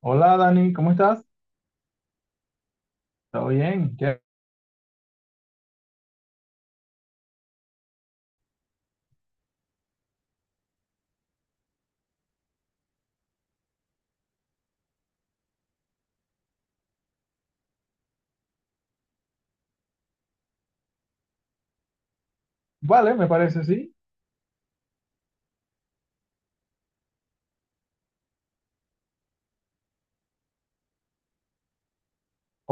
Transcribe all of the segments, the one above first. Hola Dani, ¿cómo estás? ¿Todo bien? Vale, me parece, sí.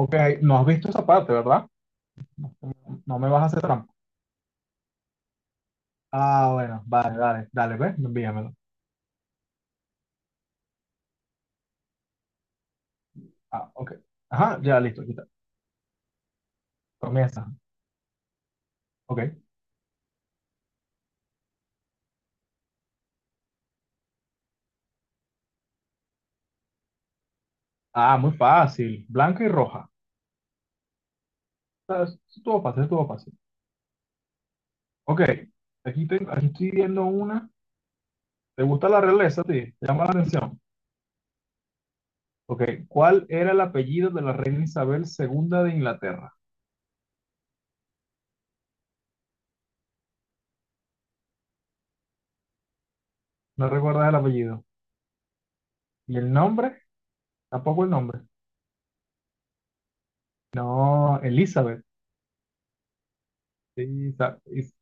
Ok, no has visto esa parte, ¿verdad? No me vas a hacer trampa. Ah, bueno, vale, dale, dale, ve, envíamelo. Ah, ok. Ajá, ya listo, aquí está. Comienza. Ok. Ah, muy fácil. Blanca y roja. Ah, estuvo fácil, estuvo fácil. Ok, aquí estoy viendo una. ¿Te gusta la realeza, a ti? ¿Te llama la atención? Ok, ¿cuál era el apellido de la reina Isabel II de Inglaterra? No recuerdas el apellido. ¿Y el nombre? Tampoco el nombre. No, Elizabeth. Sí, Isa- Is-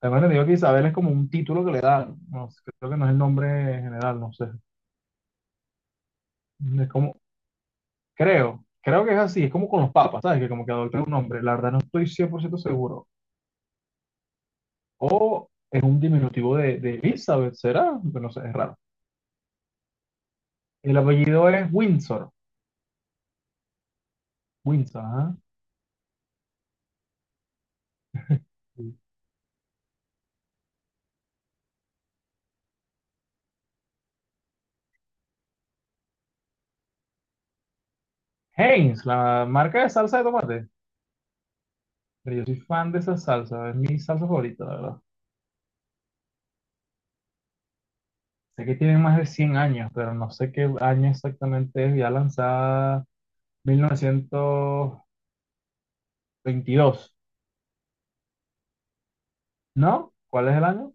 además, te digo que Isabel es como un título que le dan. No, sé, creo que no es el nombre general, no sé. Es como, creo, creo que es así. Es como con los papas, ¿sabes? Que como que adoptan un nombre. La verdad no estoy 100% seguro. O es un diminutivo de Elizabeth, ¿será? Pero no sé, es raro. El apellido es Windsor. Windsor, ajá. Sí. Heinz, la marca de salsa de tomate. Pero yo soy fan de esa salsa, es mi salsa favorita, la verdad. Sé que tiene más de 100 años, pero no sé qué año exactamente es. Ya lanzada 1922, ¿no? ¿Cuál es el año?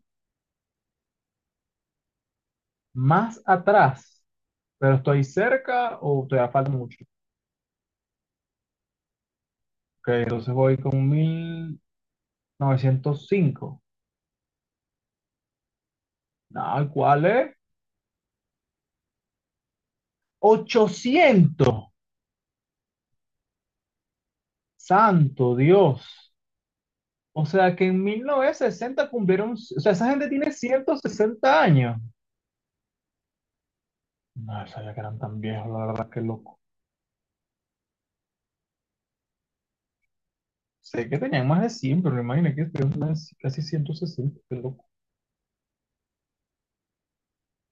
Más atrás, pero estoy cerca o todavía falta mucho. Ok, entonces voy con 1905. No, ¿cuál es? 800. Santo Dios. O sea que en 1960 cumplieron, o sea, esa gente tiene 160 años. No sabía que eran tan viejos, la verdad, que loco. Sé que tenían más de 100, pero imagina que este es casi 160, qué loco.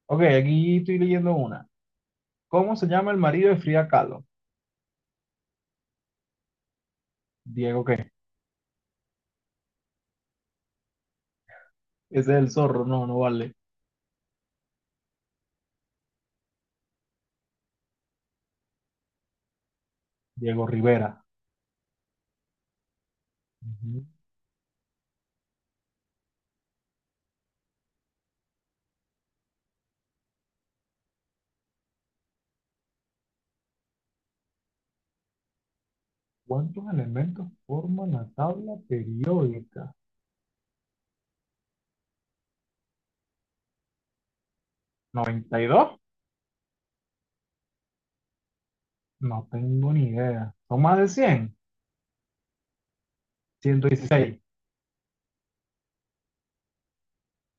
Ok, aquí estoy leyendo una. ¿Cómo se llama el marido de Frida Kahlo? Diego, ¿qué? Ese es el zorro, no, no vale. Diego Rivera. Ujú. ¿Cuántos elementos forman la tabla periódica? 92. No tengo ni idea. ¿Son más de 100? 116.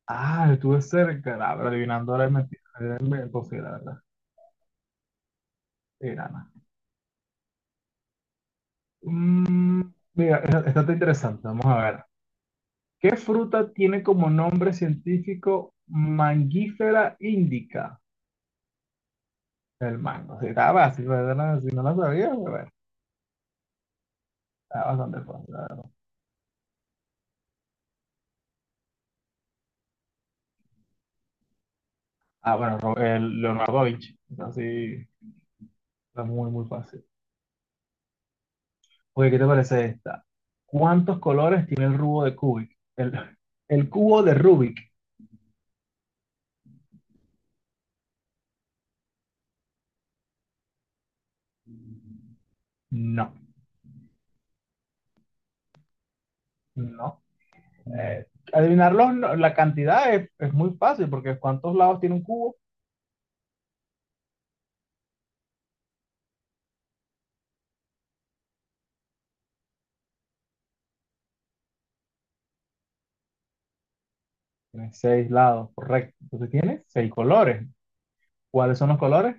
Ah, estuve cerca. Ah, pero adivinando ahora es mentira. Era imposible, la verdad. Era nada. Mm, mira, esta está interesante. Vamos a ver. ¿Qué fruta tiene como nombre científico Mangifera indica? El mango. Sí, está fácil, ¿verdad? Si no lo sabía, pues, bueno, está bastante fácil, la verdad. Ah, bueno, el Leonardo da Vinci. Entonces, sí, está muy, muy fácil. Oye, ¿qué te parece esta? ¿Cuántos colores tiene el cubo de Kubik? El cubo de Rubik. No, no. Eh, Adivinarlo, no, la cantidad es muy fácil porque ¿cuántos lados tiene un cubo? Tiene seis lados, correcto. Entonces tiene seis colores. ¿Cuáles son los colores?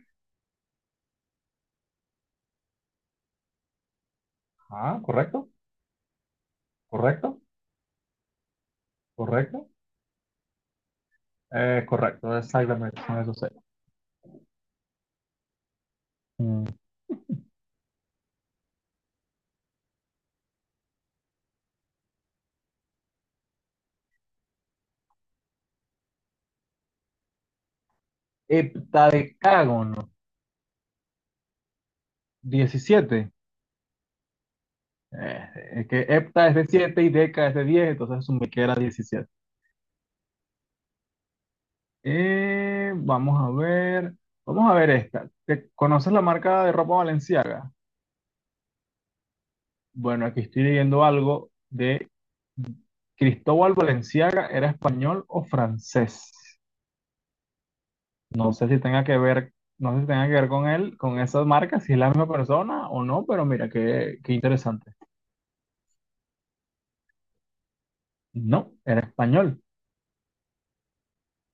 Ah, correcto, correcto, correcto, correcto, exactamente, son esos seis. Mm. Heptadecágono, 17. Eh, es que hepta es de 7 y deca es de 10, entonces asumí que era 17. Vamos a ver, vamos a ver esta. ¿Te conoces la marca de ropa Valenciaga? Bueno, aquí estoy leyendo algo de Cristóbal Valenciaga, ¿era español o francés? No sé si tenga que ver, no sé si tenga que ver con él, con esas marcas, si es la misma persona o no, pero mira, qué, qué interesante. No, era español.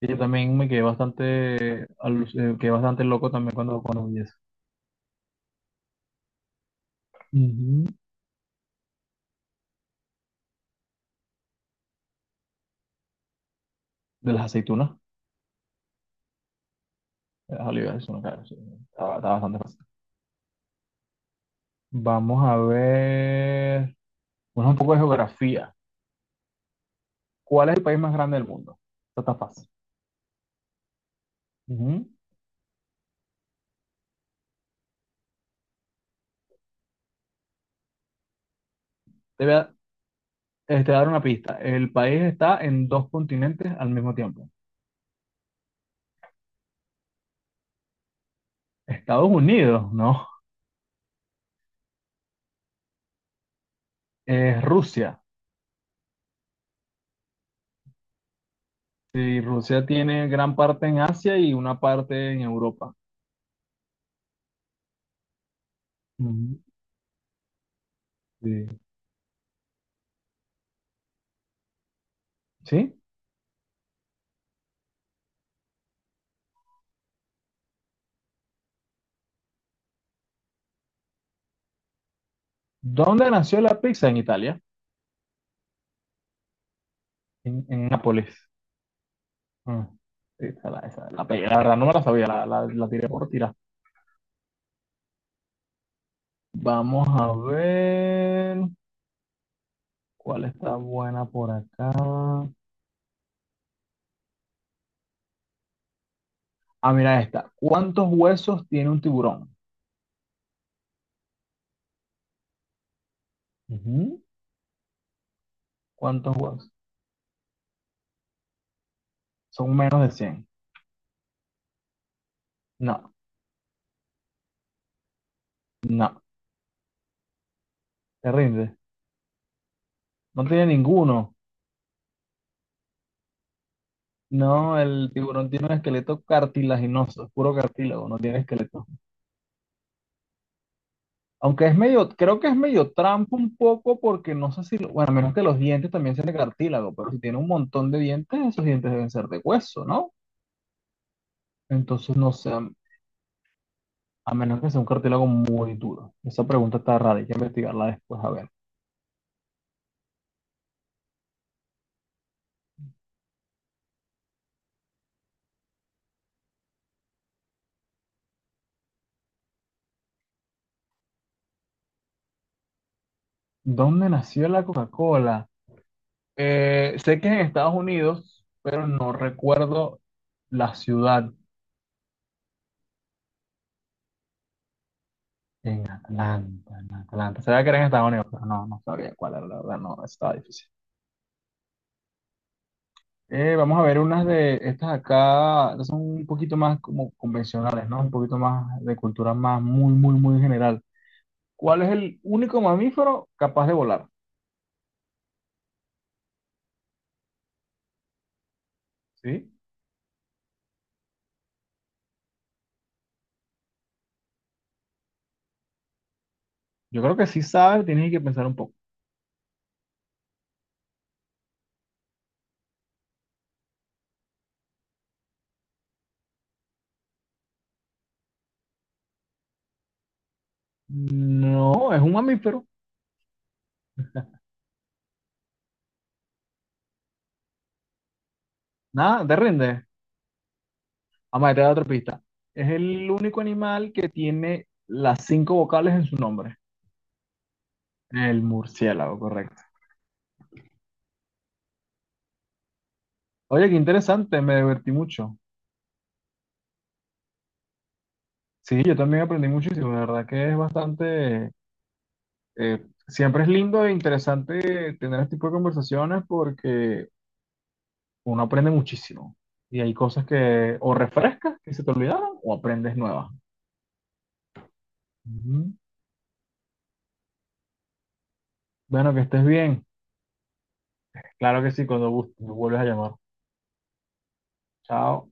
Y yo también me quedé bastante, quedé bastante loco también cuando vi eso. Ujú. De las aceitunas, de las olivas, eso no, claro, sí, estaba, estaba bastante fácil. Vamos a ver, bueno, un poco de geografía. ¿Cuál es el país más grande del mundo? Esto está fácil. Ujú. Te voy a, Te voy a dar una pista. El país está en dos continentes al mismo tiempo. Estados Unidos, ¿no? Es Rusia. Sí, Rusia tiene gran parte en Asia y una parte en Europa. Ujú. Sí. ¿Sí? ¿Dónde nació la pizza? En Italia, en Nápoles. Ah, sí, esa la pegué. La verdad no me la sabía, la tiré por tirar. Vamos a ver cuál está buena por acá. Ah, mira esta. ¿Cuántos huesos tiene un tiburón? Ujú. ¿Cuántos huesos? Son menos de 100. No, no, te rinde. No tiene ninguno. No, el tiburón tiene un esqueleto cartilaginoso, es puro cartílago, no tiene esqueleto. Aunque es medio, creo que es medio trampa un poco porque no sé si, bueno, a menos que los dientes también sean de cartílago, pero si tiene un montón de dientes, esos dientes deben ser de hueso, ¿no? Entonces no sé, a menos que sea un cartílago muy duro. Esa pregunta está rara, hay que investigarla después, a ver. ¿Dónde nació la Coca-Cola? Sé que es en Estados Unidos, recuerdo la ciudad. En Atlanta, en Atlanta. Sabía que era en Estados Unidos, pero no, no sabía cuál era, la verdad, no, estaba difícil. Vamos a ver unas de estas acá, estas son un poquito más como convencionales, ¿no? Un poquito más de cultura más muy, muy, muy general. ¿Cuál es el único mamífero capaz de volar? ¿Sí? Yo creo que sí sabes, tienes que pensar un poco. No, es un mamífero. Nada, te rinde. Vamos a dar otra pista. Es el único animal que tiene las cinco vocales en su nombre. El murciélago, correcto. Oye, qué interesante, me divertí mucho. Sí, yo también aprendí muchísimo, la verdad que es bastante, siempre es lindo e interesante tener este tipo de conversaciones porque uno aprende muchísimo y hay cosas que o refrescas, que se te olvidaron, o aprendes nuevas. Ujú. Bueno, que estés bien. Claro que sí, cuando gustes, me vuelves a llamar. Chao.